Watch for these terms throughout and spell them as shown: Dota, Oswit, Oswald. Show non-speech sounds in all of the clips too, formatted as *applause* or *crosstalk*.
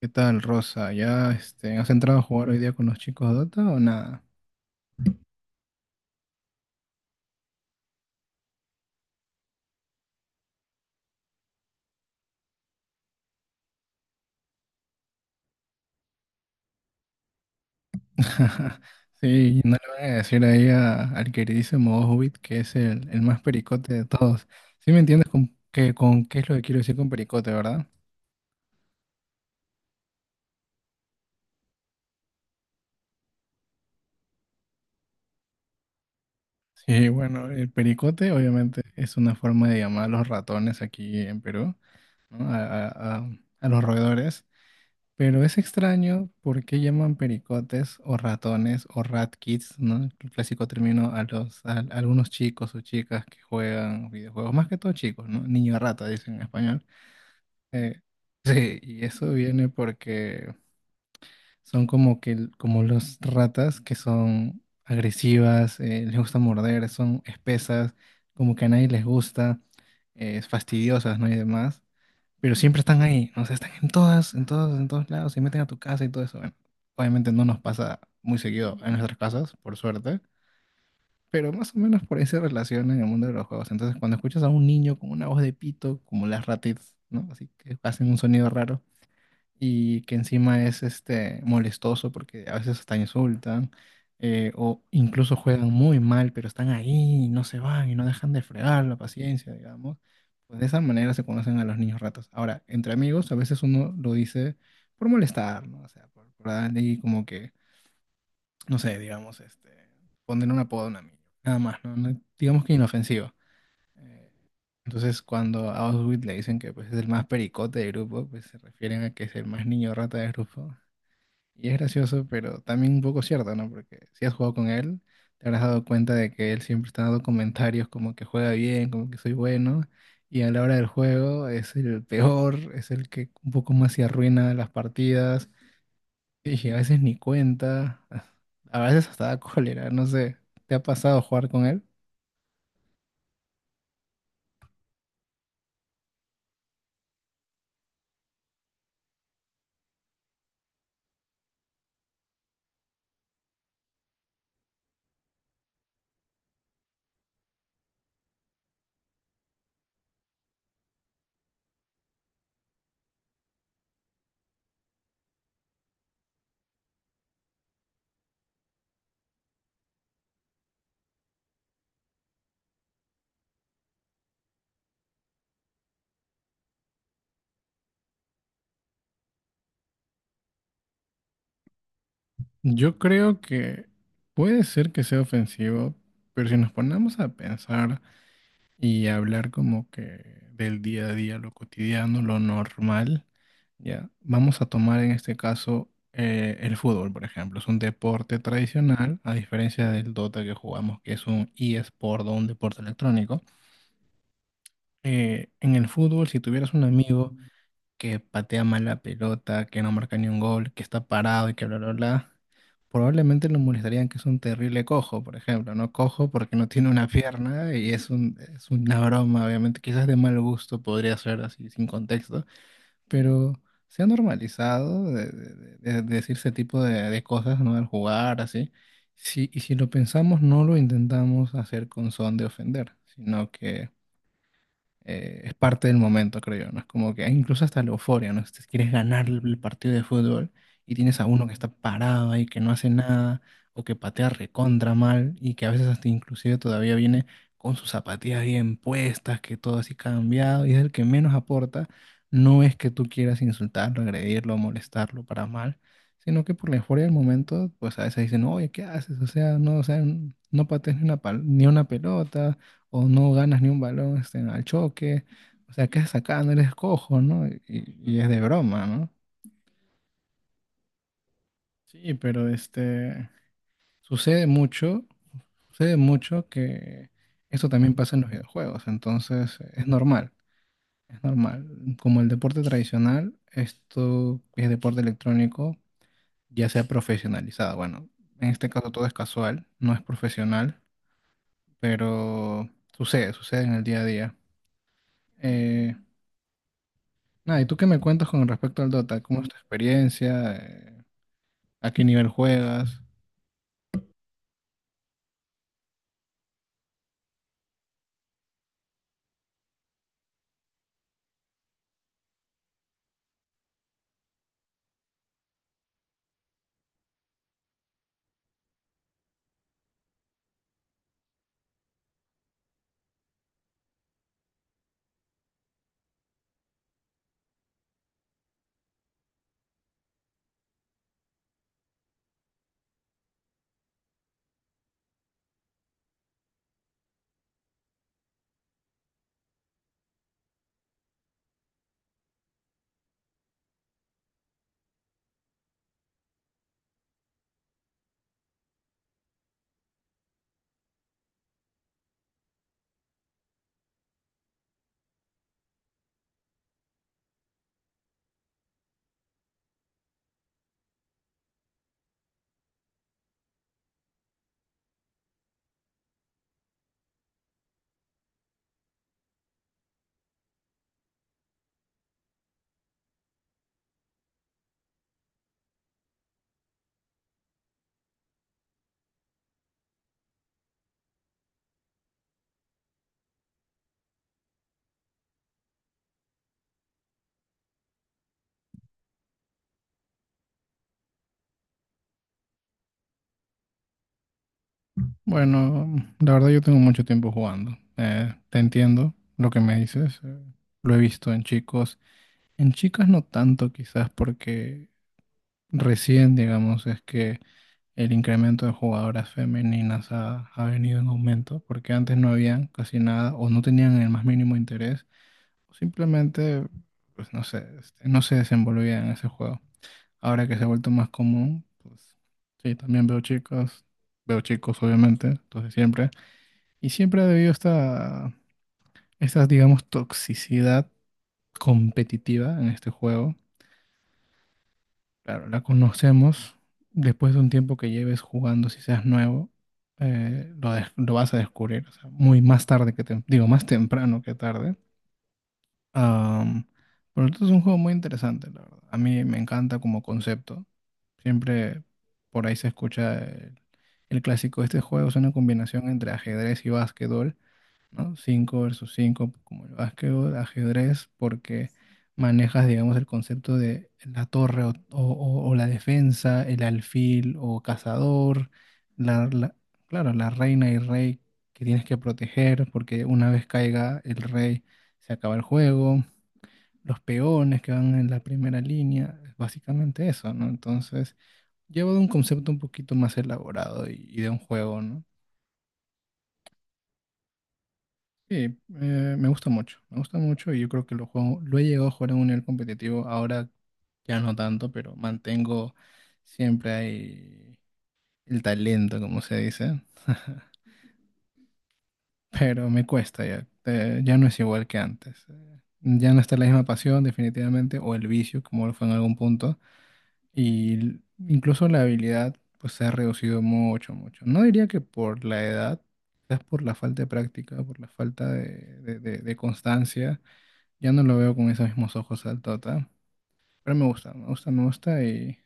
¿Qué tal, Rosa? ¿Ya has entrado a jugar hoy día con los chicos Dota o nada? *laughs* Sí, no le van a decir ahí al queridísimo Hobbit que es el más pericote de todos. ¿Sí me entiendes con qué es lo que quiero decir con pericote, verdad? Sí, bueno, el pericote obviamente es una forma de llamar a los ratones aquí en Perú, ¿no? A los roedores. Pero es extraño por qué llaman pericotes o ratones o rat kids, ¿no? El clásico término a los a algunos chicos o chicas que juegan videojuegos, más que todo chicos, ¿no? Niño rata dicen en español. Eh, *laughs* sí, y eso viene porque son como que como las ratas que son agresivas, les gusta morder, son espesas, como que a nadie les gusta, fastidiosas, ¿no? Y demás, pero siempre están ahí, o sea, están en todas, en todos lados, se meten a tu casa y todo eso. Bueno, obviamente no nos pasa muy seguido en nuestras casas, por suerte, pero más o menos por ahí se relaciona en el mundo de los juegos. Entonces, cuando escuchas a un niño con una voz de pito, como las ratitas, ¿no? Así que hacen un sonido raro, y que encima es molestoso porque a veces hasta insultan, o incluso juegan muy mal, pero están ahí y no se van y no dejan de fregar la paciencia, digamos. Pues de esa manera se conocen a los niños ratas. Ahora, entre amigos, a veces uno lo dice por molestar, ¿no? O sea, por darle ahí como que, no sé, digamos, poner un apodo a un amigo, nada más, ¿no? Digamos que inofensivo. Eh, Entonces, cuando a Oswald le dicen que pues, es el más pericote del grupo, pues se refieren a que es el más niño rata del grupo. Y es gracioso, pero también un poco cierto, ¿no? Porque si has jugado con él, te habrás dado cuenta de que él siempre está dando comentarios como que juega bien, como que soy bueno. Y a la hora del juego es el peor, es el que un poco más se arruina las partidas. Y a veces ni cuenta. A veces hasta da cólera, no sé. ¿Te ha pasado jugar con él? Yo creo que puede ser que sea ofensivo, pero si nos ponemos a pensar y hablar como que del día a día, lo cotidiano, lo normal, ya, vamos a tomar en este caso el fútbol, por ejemplo. Es un deporte tradicional, a diferencia del Dota que jugamos, que es un eSport o un deporte electrónico. En el fútbol, si tuvieras un amigo que patea mal la pelota, que no marca ni un gol, que está parado y que bla, bla, bla, probablemente lo molestarían que es un terrible cojo, por ejemplo, ¿no? Cojo porque no tiene una pierna y es una broma, obviamente, quizás de mal gusto podría ser así, sin contexto, pero se ha normalizado de decir ese tipo de cosas, ¿no? Al jugar, así. Sí, y si lo pensamos, no lo intentamos hacer con son de ofender, sino que es parte del momento, creo yo, ¿no? Es como que hay incluso hasta la euforia, ¿no? Si quieres ganar el partido de fútbol y tienes a uno que está parado ahí, que no hace nada, o que patea recontra mal, y que a veces hasta inclusive todavía viene con sus zapatillas bien puestas, que todo así cambiado, y es el que menos aporta, no es que tú quieras insultarlo, agredirlo, molestarlo para mal, sino que por la euforia del momento, pues a veces dicen, oye, ¿qué haces? O sea, no patees ni una, ni una pelota o no ganas ni un balón, al choque, o sea, ¿qué haces acá? No eres cojo, ¿no? Y es de broma, ¿no? Sí, pero sucede mucho, sucede mucho que esto también pasa en los videojuegos, entonces es normal, es normal. Como el deporte tradicional, esto es deporte electrónico, ya se ha profesionalizado. Bueno, en este caso todo es casual, no es profesional, pero sucede, sucede en el día a día. Eh, Nada, ¿y tú qué me cuentas con respecto al Dota? ¿Cómo es tu experiencia? ¿A qué nivel juegas? Bueno, la verdad yo tengo mucho tiempo jugando. Te entiendo lo que me dices. Lo he visto en chicos. En chicas no tanto quizás porque recién, digamos, es que el incremento de jugadoras femeninas ha venido en aumento, porque antes no habían casi nada o no tenían el más mínimo interés. Simplemente, pues no sé, no se desenvolvía en ese juego. Ahora que se ha vuelto más común, pues sí, también veo chicos obviamente, entonces siempre. Y siempre ha habido esta, digamos, toxicidad competitiva en este juego. Claro, la conocemos. Después de un tiempo que lleves jugando, si seas nuevo, lo vas a descubrir. O sea, muy más tarde que tem- digo, más temprano que tarde. Am, pero esto es un juego muy interesante, la verdad. A mí me encanta como concepto. Siempre por ahí se escucha el clásico. Este juego es una combinación entre ajedrez y básquetbol, ¿no? 5 versus 5 como el básquetbol, ajedrez, porque manejas, digamos, el concepto de la torre o la defensa, el alfil o cazador, la, la- claro, la reina y rey que tienes que proteger, porque una vez caiga el rey se acaba el juego, los peones que van en la primera línea, es básicamente eso, ¿no? Entonces, llevo de un concepto un poquito más elaborado y de un juego, ¿no? Sí, me gusta mucho y yo creo que lo juego, lo he llegado a jugar a un nivel competitivo, ahora ya no tanto, pero mantengo siempre ahí el talento, como se dice, *laughs* pero me cuesta ya, ya no es igual que antes. Ya no está la misma pasión, definitivamente, o el vicio, como lo fue en algún punto. Y l- Incluso la habilidad pues se ha reducido mucho, mucho. No diría que por la edad, quizás por la falta de práctica, por la falta de constancia. Ya no lo veo con esos mismos ojos al Tota. Pero me gusta, me gusta, me gusta. Y,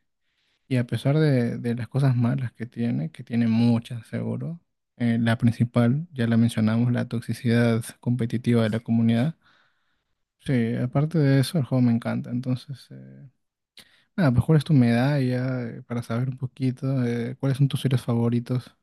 y a pesar de las cosas malas que tiene muchas seguro, la principal, ya la mencionamos, la toxicidad competitiva de la comunidad. Sí, aparte de eso, el juego me encanta. Entonces. Ah, pues ¿cuál es tu medalla? Para saber un poquito, ¿cuáles son tus series favoritos?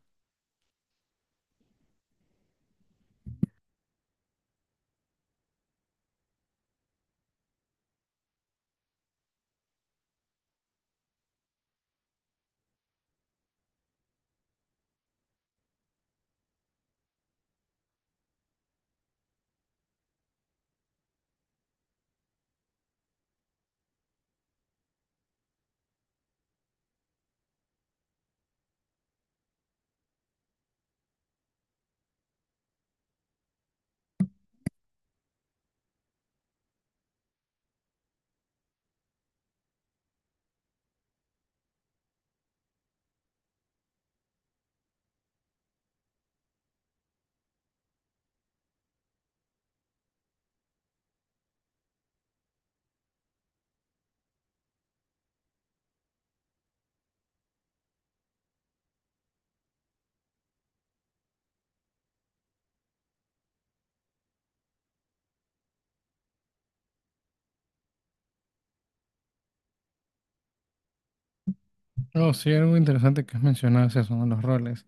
Oh, sí, algo interesante que has mencionado es eso, ¿no? Los roles.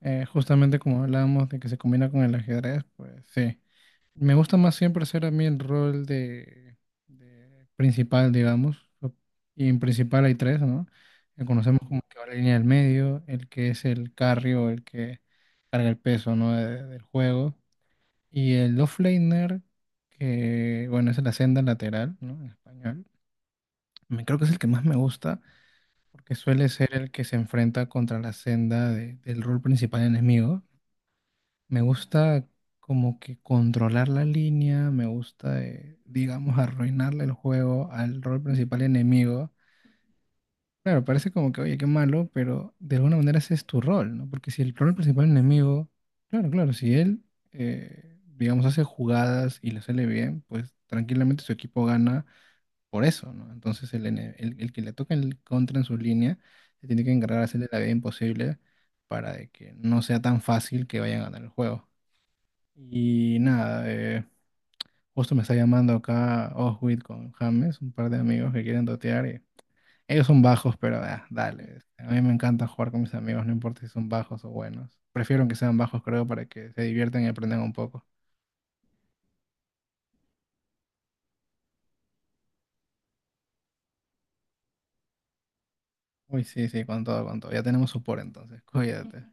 Justamente como hablábamos de que se combina con el ajedrez, pues sí. Me gusta más siempre hacer a mí el rol de principal, digamos. Y en principal hay tres, ¿no? Que conocemos como que va la línea del medio, el que es el carry o el que carga el peso, ¿no? Del juego. Y el offlaner, que bueno, es la senda lateral, ¿no? En español. Me creo que es el que más me gusta, porque suele ser el que se enfrenta contra la senda del rol principal enemigo. Me gusta como que controlar la línea, me gusta, digamos, arruinarle el juego al rol principal enemigo. Claro, parece como que, oye, qué malo, pero de alguna manera ese es tu rol, ¿no? Porque si el rol principal enemigo, claro, claro, si él, digamos, hace jugadas y le sale bien, pues tranquilamente su equipo gana por eso, ¿no? Entonces el que le toca el contra en su línea se tiene que encargar de hacerle la vida imposible para de que no sea tan fácil que vayan a ganar el juego. Y nada, justo me está llamando acá Oswit con James, un par de amigos que quieren dotear. Ellos son bajos, pero ah, dale. A mí me encanta jugar con mis amigos, no importa si son bajos o buenos. Prefiero que sean bajos, creo, para que se diviertan y aprendan un poco. Uy, sí, sí, con todo, con todo. Ya tenemos support entonces. Cuídate.